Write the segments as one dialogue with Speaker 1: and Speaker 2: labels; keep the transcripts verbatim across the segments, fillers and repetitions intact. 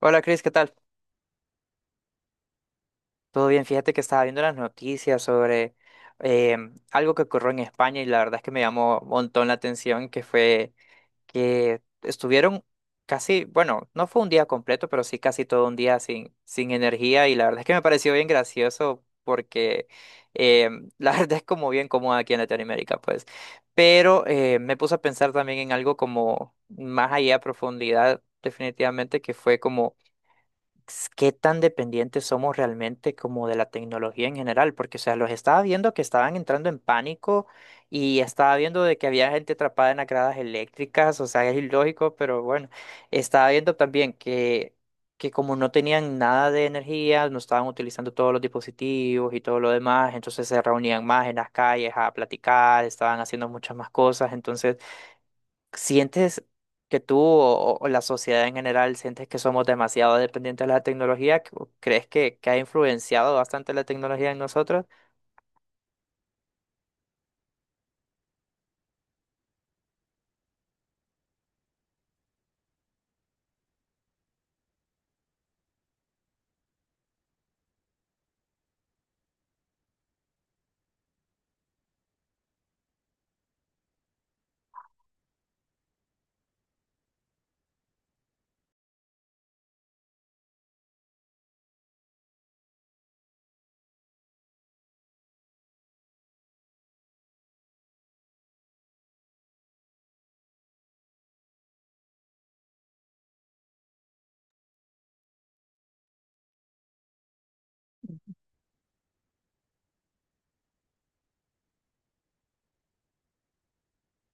Speaker 1: Hola Cris, ¿qué tal? Todo bien, fíjate que estaba viendo las noticias sobre em, algo que ocurrió en España y la verdad es que me llamó un montón la atención, que fue que estuvieron casi, bueno, no fue un día completo, pero sí casi todo un día sin, sin energía y la verdad es que me pareció bien gracioso porque em, la verdad es como bien cómoda aquí en Latinoamérica, pues. Pero eh, me puse a pensar también en algo como más allá a profundidad, definitivamente, que fue como s- qué tan dependientes somos realmente como de la tecnología en general, porque, o sea, los estaba viendo que estaban entrando en pánico y estaba viendo de que había gente atrapada en las gradas eléctricas, o sea, es ilógico, pero bueno, estaba viendo también que, que como no tenían nada de energía, no estaban utilizando todos los dispositivos y todo lo demás, entonces se reunían más en las calles a platicar, estaban haciendo muchas más cosas, entonces ¿sientes que tú o, o la sociedad en general sientes que somos demasiado dependientes de la tecnología? ¿O ¿crees que, que ha influenciado bastante la tecnología en nosotros?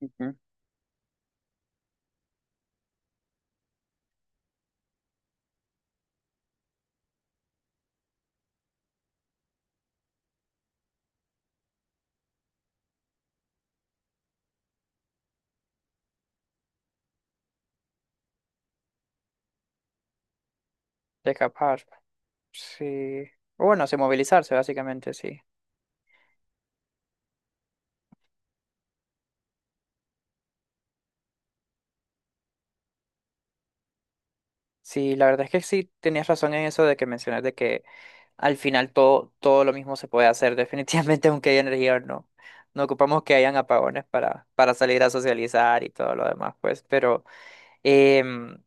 Speaker 1: Ujú. De capaz, sí. O bueno, sí, movilizarse, básicamente, sí. Sí, la verdad es que sí tenías razón en eso de que mencionas de que al final todo, todo lo mismo se puede hacer, definitivamente, aunque haya energía no. No ocupamos que hayan apagones para, para salir a socializar y todo lo demás, pues, pero Em,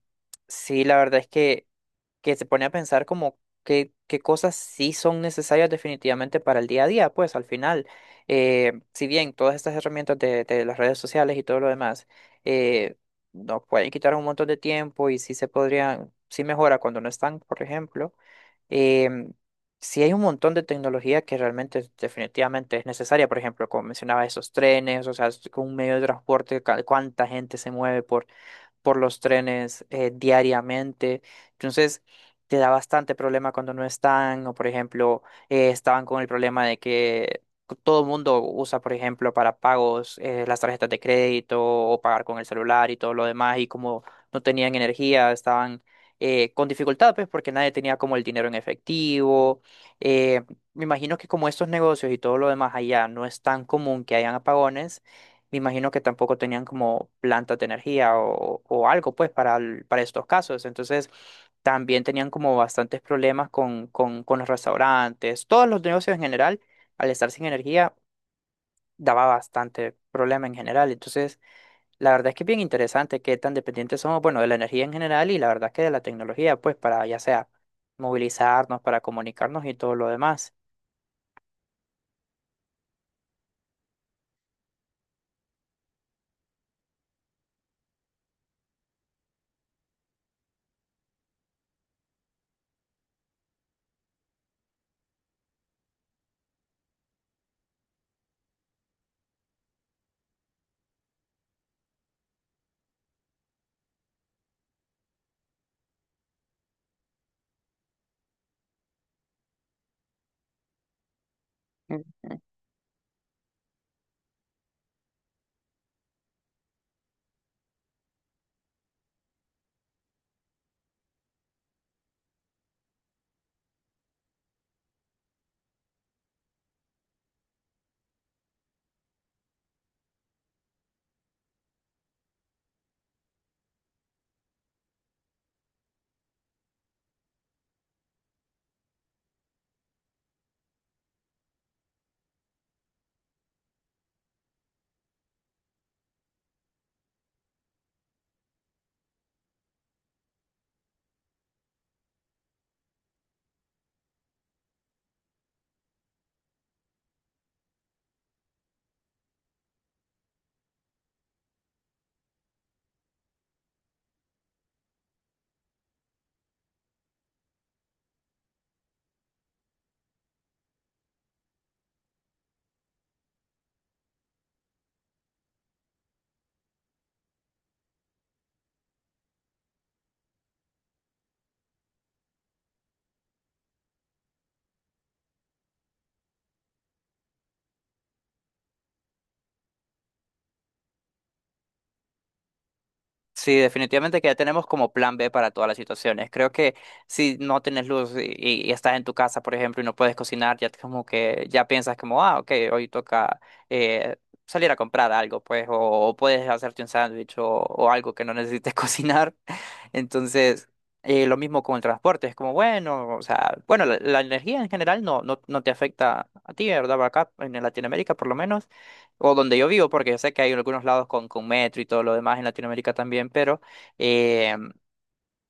Speaker 1: sí, la verdad es que, que se pone a pensar como qué, qué cosas sí son necesarias definitivamente para el día a día, pues al final, eh, si bien todas estas herramientas de, de las redes sociales y todo lo demás eh, nos pueden quitar un montón de tiempo y sí se podrían, sí mejora cuando no están, por ejemplo, em, sí hay un montón de tecnología que realmente definitivamente es necesaria, por ejemplo, como mencionaba, esos trenes, o sea, es un medio de transporte, ca- cuánta gente se mueve por por los trenes eh, diariamente. Entonces, te da bastante problema cuando no están, o por ejemplo, eh, estaban con el problema de que todo el mundo usa, por ejemplo, para pagos eh, las tarjetas de crédito o pagar con el celular y todo lo demás, y como no tenían energía, estaban eh, con dificultad, pues porque nadie tenía como el dinero en efectivo. Eh, me imagino que como estos negocios y todo lo demás allá no es tan común que hayan apagones, me imagino que tampoco tenían como plantas de energía o, o algo, pues, para, el- para estos casos. Entonces, también tenían como bastantes problemas con, con, con los restaurantes, todos los negocios en general, al estar sin energía, daba bastante problema en general. Entonces, la verdad es que es bien interesante qué tan dependientes somos, bueno, de la energía en general y la verdad que de la tecnología, pues, para ya sea movilizarnos, para comunicarnos y todo lo demás. Sí, definitivamente que ya tenemos como plan B para todas las situaciones. Creo que si no tienes luz y, y- y estás en tu casa, por ejemplo, y no puedes cocinar, ya como que ya piensas como, ah, ok, hoy toca eh, salir a comprar algo, pues, o, o puedes hacerte un sándwich o, o algo que no necesites cocinar. Entonces, eh, lo mismo con el transporte, es como, bueno, o sea, bueno, la, la energía en general no, no, no te afecta a ti, ¿verdad? Acá en Latinoamérica, por lo menos o donde yo vivo, porque yo sé que hay algunos lados con, con metro y todo lo demás en Latinoamérica también, pero eh,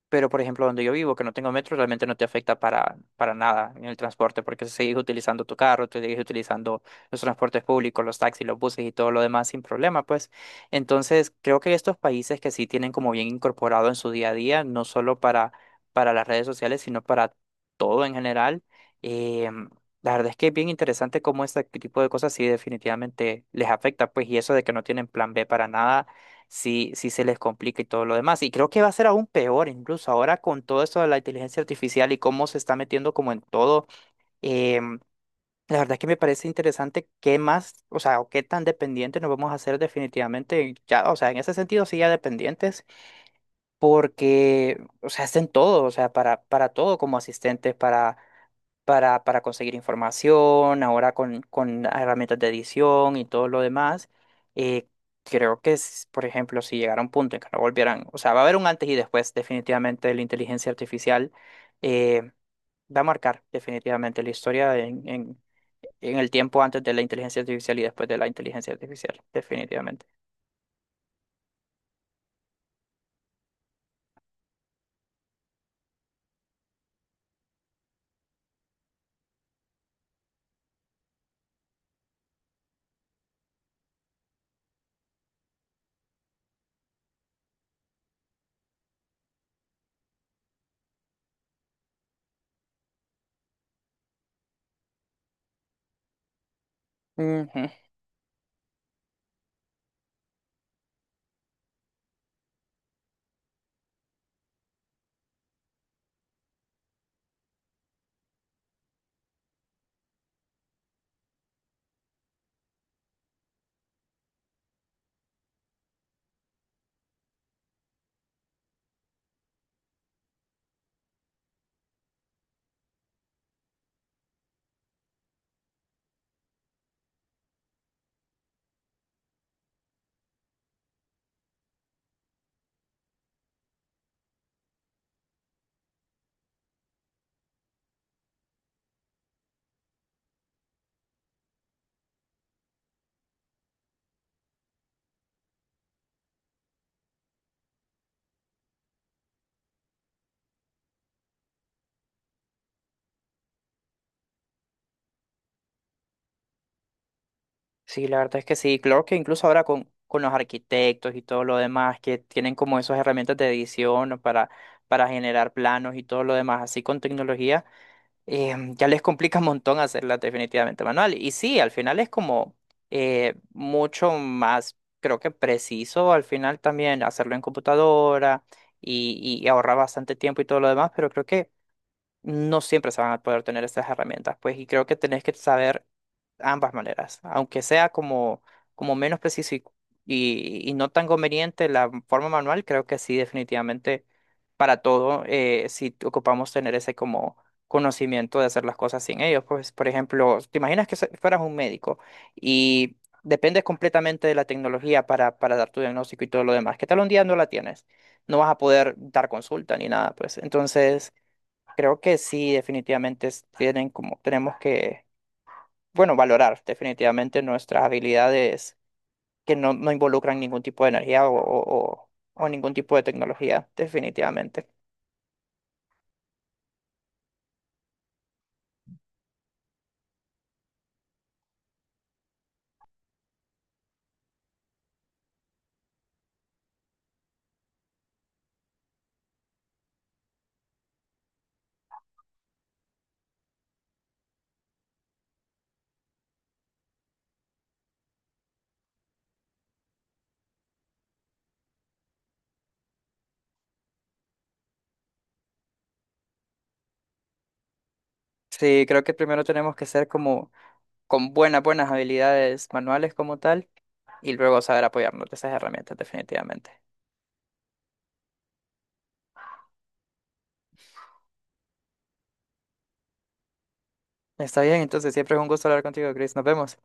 Speaker 1: pero, por ejemplo, donde yo vivo, que no tengo metro, realmente no te afecta para, para nada en el transporte, porque sigues utilizando tu carro, te sigues utilizando los transportes públicos, los taxis, los buses y todo lo demás sin problema, pues. Entonces, creo que estos países que sí tienen como bien incorporado en su día a día, no solo para, para las redes sociales, sino para todo en general, eh, la verdad es que es bien interesante cómo este tipo de cosas sí definitivamente les afecta, pues, y eso de que no tienen plan B para nada sí, sí se les complica y todo lo demás. Y creo que va a ser aún peor, incluso ahora con todo esto de la inteligencia artificial y cómo se está metiendo como en todo. em, la verdad es que me parece interesante qué más, o sea, o qué tan dependientes nos vamos a hacer definitivamente, ya, o sea, en ese sentido sí ya dependientes, porque, o sea, hacen todo, o sea, para, para todo como asistentes, para para, para conseguir información, ahora con, con herramientas de edición y todo lo demás. eh, Creo que, es por ejemplo, si llegara un punto en que no volvieran, o sea, va a haber un antes y después definitivamente de la inteligencia artificial, eh, va a marcar definitivamente la historia en, en, en el tiempo antes de la inteligencia artificial y después de la inteligencia artificial, definitivamente. Ujú. Sí, la verdad es que sí. Claro que incluso ahora con, con los arquitectos y todo lo demás, que tienen como esas herramientas de edición, ¿no? para, para generar planos y todo lo demás, así con tecnología, eh, ya les complica un montón hacerlas definitivamente manual. Y sí, al final es como eh, mucho más, creo que preciso al final también hacerlo en computadora y, y ahorrar bastante tiempo y todo lo demás, pero creo que no siempre se van a poder tener estas herramientas, pues, y creo que tenés que saber ambas maneras, aunque sea como, como menos preciso y, y- y no tan conveniente la forma manual, creo que sí, definitivamente para todo, eh, si ocupamos tener ese como conocimiento de hacer las cosas sin ellos, pues por ejemplo, te imaginas que se- fueras un médico y dependes completamente de la tecnología para, para dar tu diagnóstico y todo lo demás, ¿qué tal un día no la tienes? No vas a poder dar consulta ni nada, pues entonces creo que sí, definitivamente es- tienen como, tenemos que bueno, valorar definitivamente nuestras habilidades que no, no involucran ningún tipo de energía o, o, o- o ningún tipo de tecnología, definitivamente. Sí, creo que primero tenemos que ser como con buenas, buenas habilidades manuales como tal y luego saber apoyarnos de esas herramientas, definitivamente. Está bien, entonces siempre es un gusto hablar contigo, Chris. Nos vemos.